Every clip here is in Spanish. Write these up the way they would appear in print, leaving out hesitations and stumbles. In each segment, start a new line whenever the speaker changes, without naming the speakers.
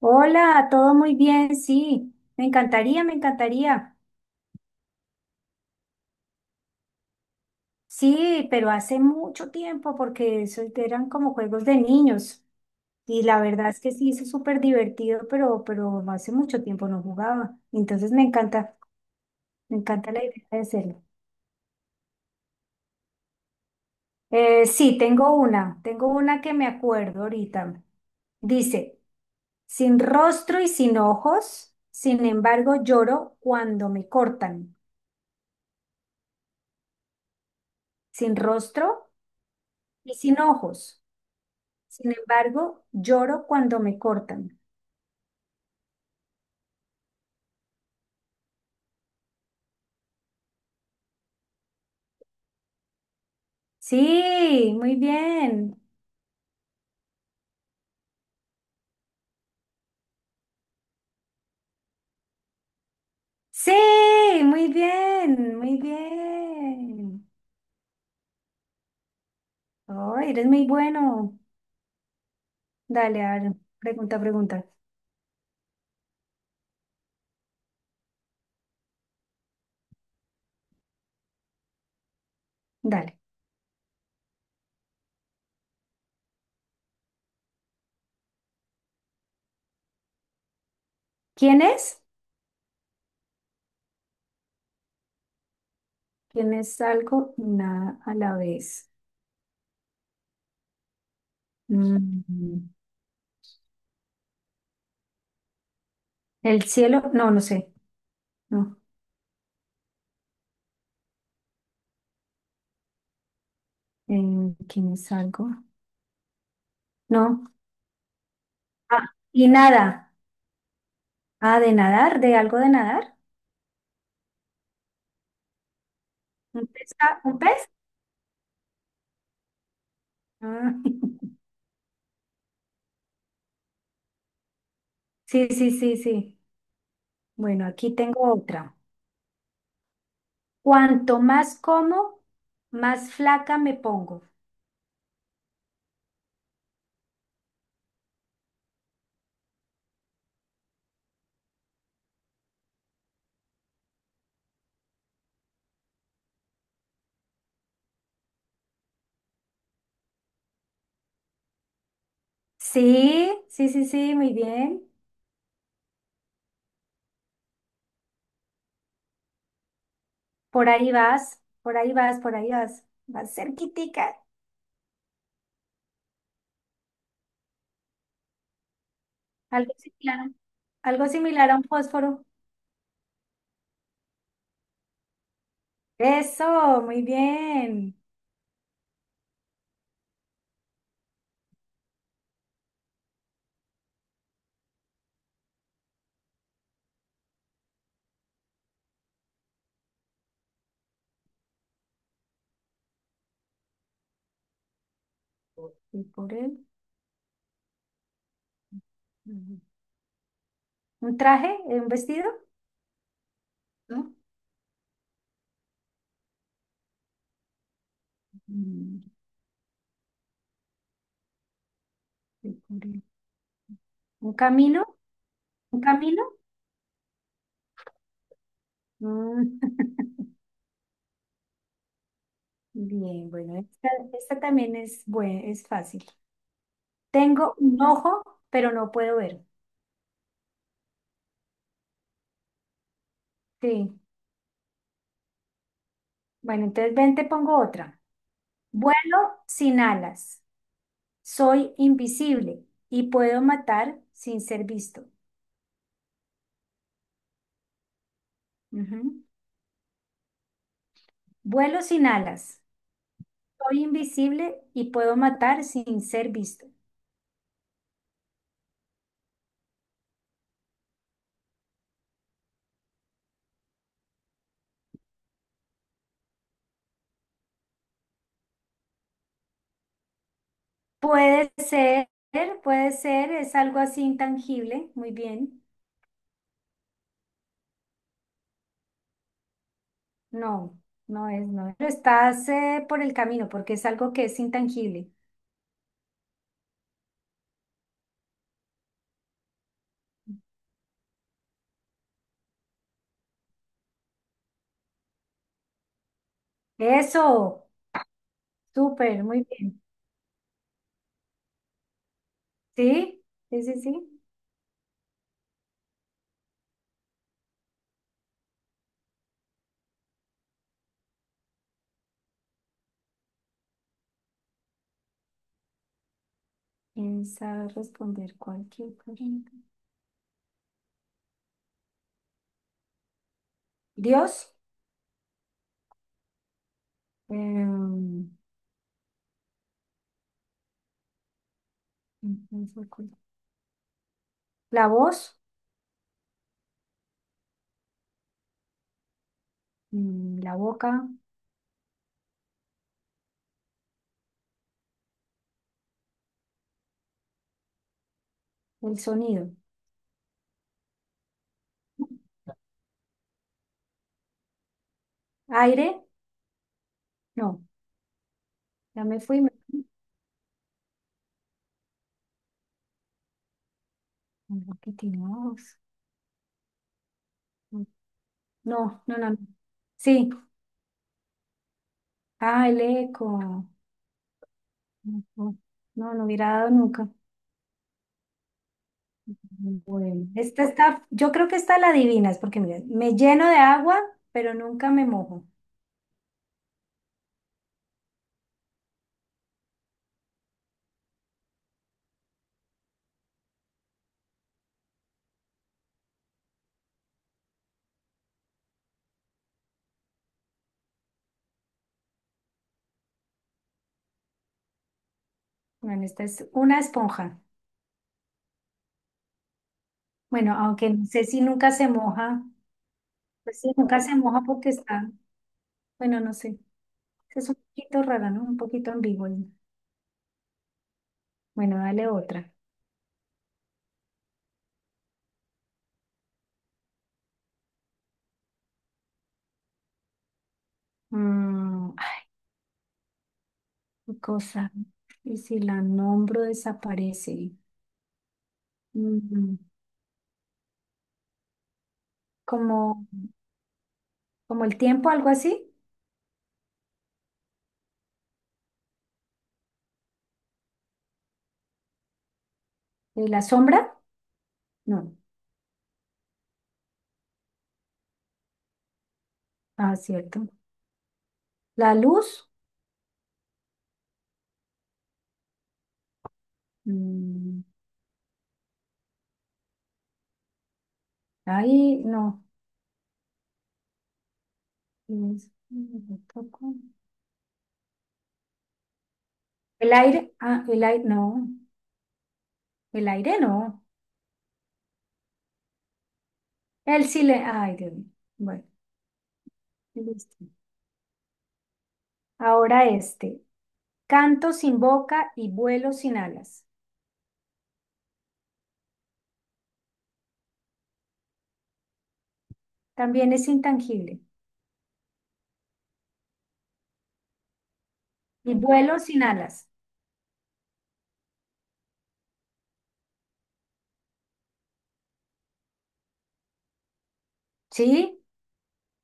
Hola, todo muy bien, sí. Me encantaría, me encantaría. Sí, pero hace mucho tiempo porque eso eran como juegos de niños. Y la verdad es que sí, es súper divertido, pero hace mucho tiempo no jugaba. Entonces me encanta la idea de hacerlo. Sí, tengo una que me acuerdo ahorita. Dice, sin rostro y sin ojos, sin embargo lloro cuando me cortan. Sin rostro y sin ojos. Sin embargo, lloro cuando me cortan. Sí, muy bien. Sí, muy bien, muy bien. Oh, eres muy bueno. Dale, a ver, pregunta, pregunta. Dale. ¿Quién es? ¿Quién es algo y nada a la vez? Mm, El cielo, no, no sé. No. Eh, ¿quién es algo? No. Ah, y nada. Ah, de nadar, de algo de nadar. ¿Un pez? Ah, ¿un pez? Ah, Sí, sí, sí, sí. Bueno, aquí tengo otra. Cuanto más como, más flaca me pongo. Sí, sí, sí, sí, muy bien. Por ahí vas, por ahí vas, por ahí vas. Vas cerquitica. Algo similar, algo similar a un fósforo. Eso, muy bien. Y por él. mm, ¿Un traje? ¿Un vestido? ¿No? Mm, y por él. ¿Un camino? ¿Un camino? Mm, Bien, bueno, esta también es, es fácil. Tengo un ojo, pero no puedo ver. Sí. Bueno, entonces ven, te pongo otra. Vuelo sin alas. Soy invisible y puedo matar sin ser visto. Ujú. Vuelo sin alas. Soy invisible y puedo matar sin ser visto. Puede ser, puede ser, es algo así intangible. Muy bien. No, no es, no es. Pero estás por el camino porque es algo que es intangible. Eso, súper, muy bien. Sí, sí, sí, sí. Pensar, responder cualquier pregunta. Dios, em, la voz, la boca, el sonido. Aire, no, ya me fui. Algo que tiene voz. No, no, no, no. Sí, ah, el eco. Ujú. No, no hubiera dado nunca. Bueno, esta está, yo creo que esta la adivinas, porque mira, me lleno de agua, pero nunca me mojo. Bueno, esta es una esponja. Bueno, aunque no sé si nunca se moja, pues sí, nunca se moja porque está, bueno, no sé, es un poquito rara, ¿no? Un poquito ambigua. Bueno, dale otra. Mm, ay, qué cosa. Y si la nombro desaparece. Mm, como, como el tiempo, algo así. ¿Y la sombra? No. Ah, cierto. La luz. Mm, ahí, no. Es- ¿El aire? Ah, el aire, no. El aire no. Él sí le, ay, Dios mío. Bueno, listo. Ahora este. Canto sin boca y vuelo sin alas. También es intangible. Y vuelo sin alas. ¿Sí?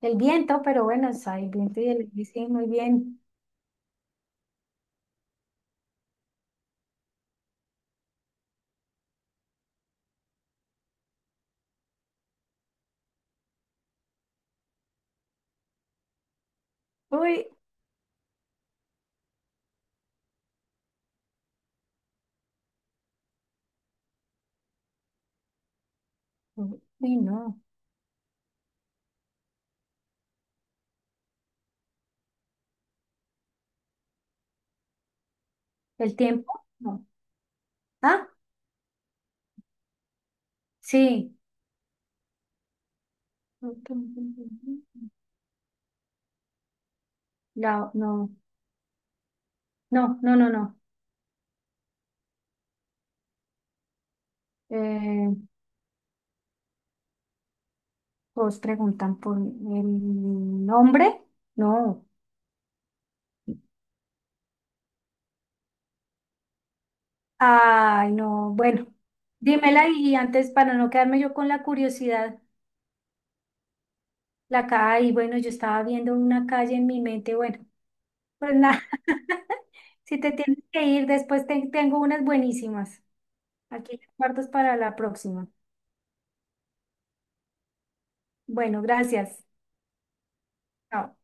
El viento, pero bueno, es ahí el viento y el... y sí, muy bien. Uy, uy, no. ¿El tiempo? No. Ah, sí. No, no, no, no, no. Eh, ¿Os preguntan por el nombre? No. Ay, no, bueno, dímela y antes para no quedarme yo con la curiosidad, la calle, y bueno, yo estaba viendo una calle en mi mente, bueno, pues nada, si te tienes que ir, tengo unas buenísimas. Aquí guardas para la próxima. Bueno, gracias. Chao.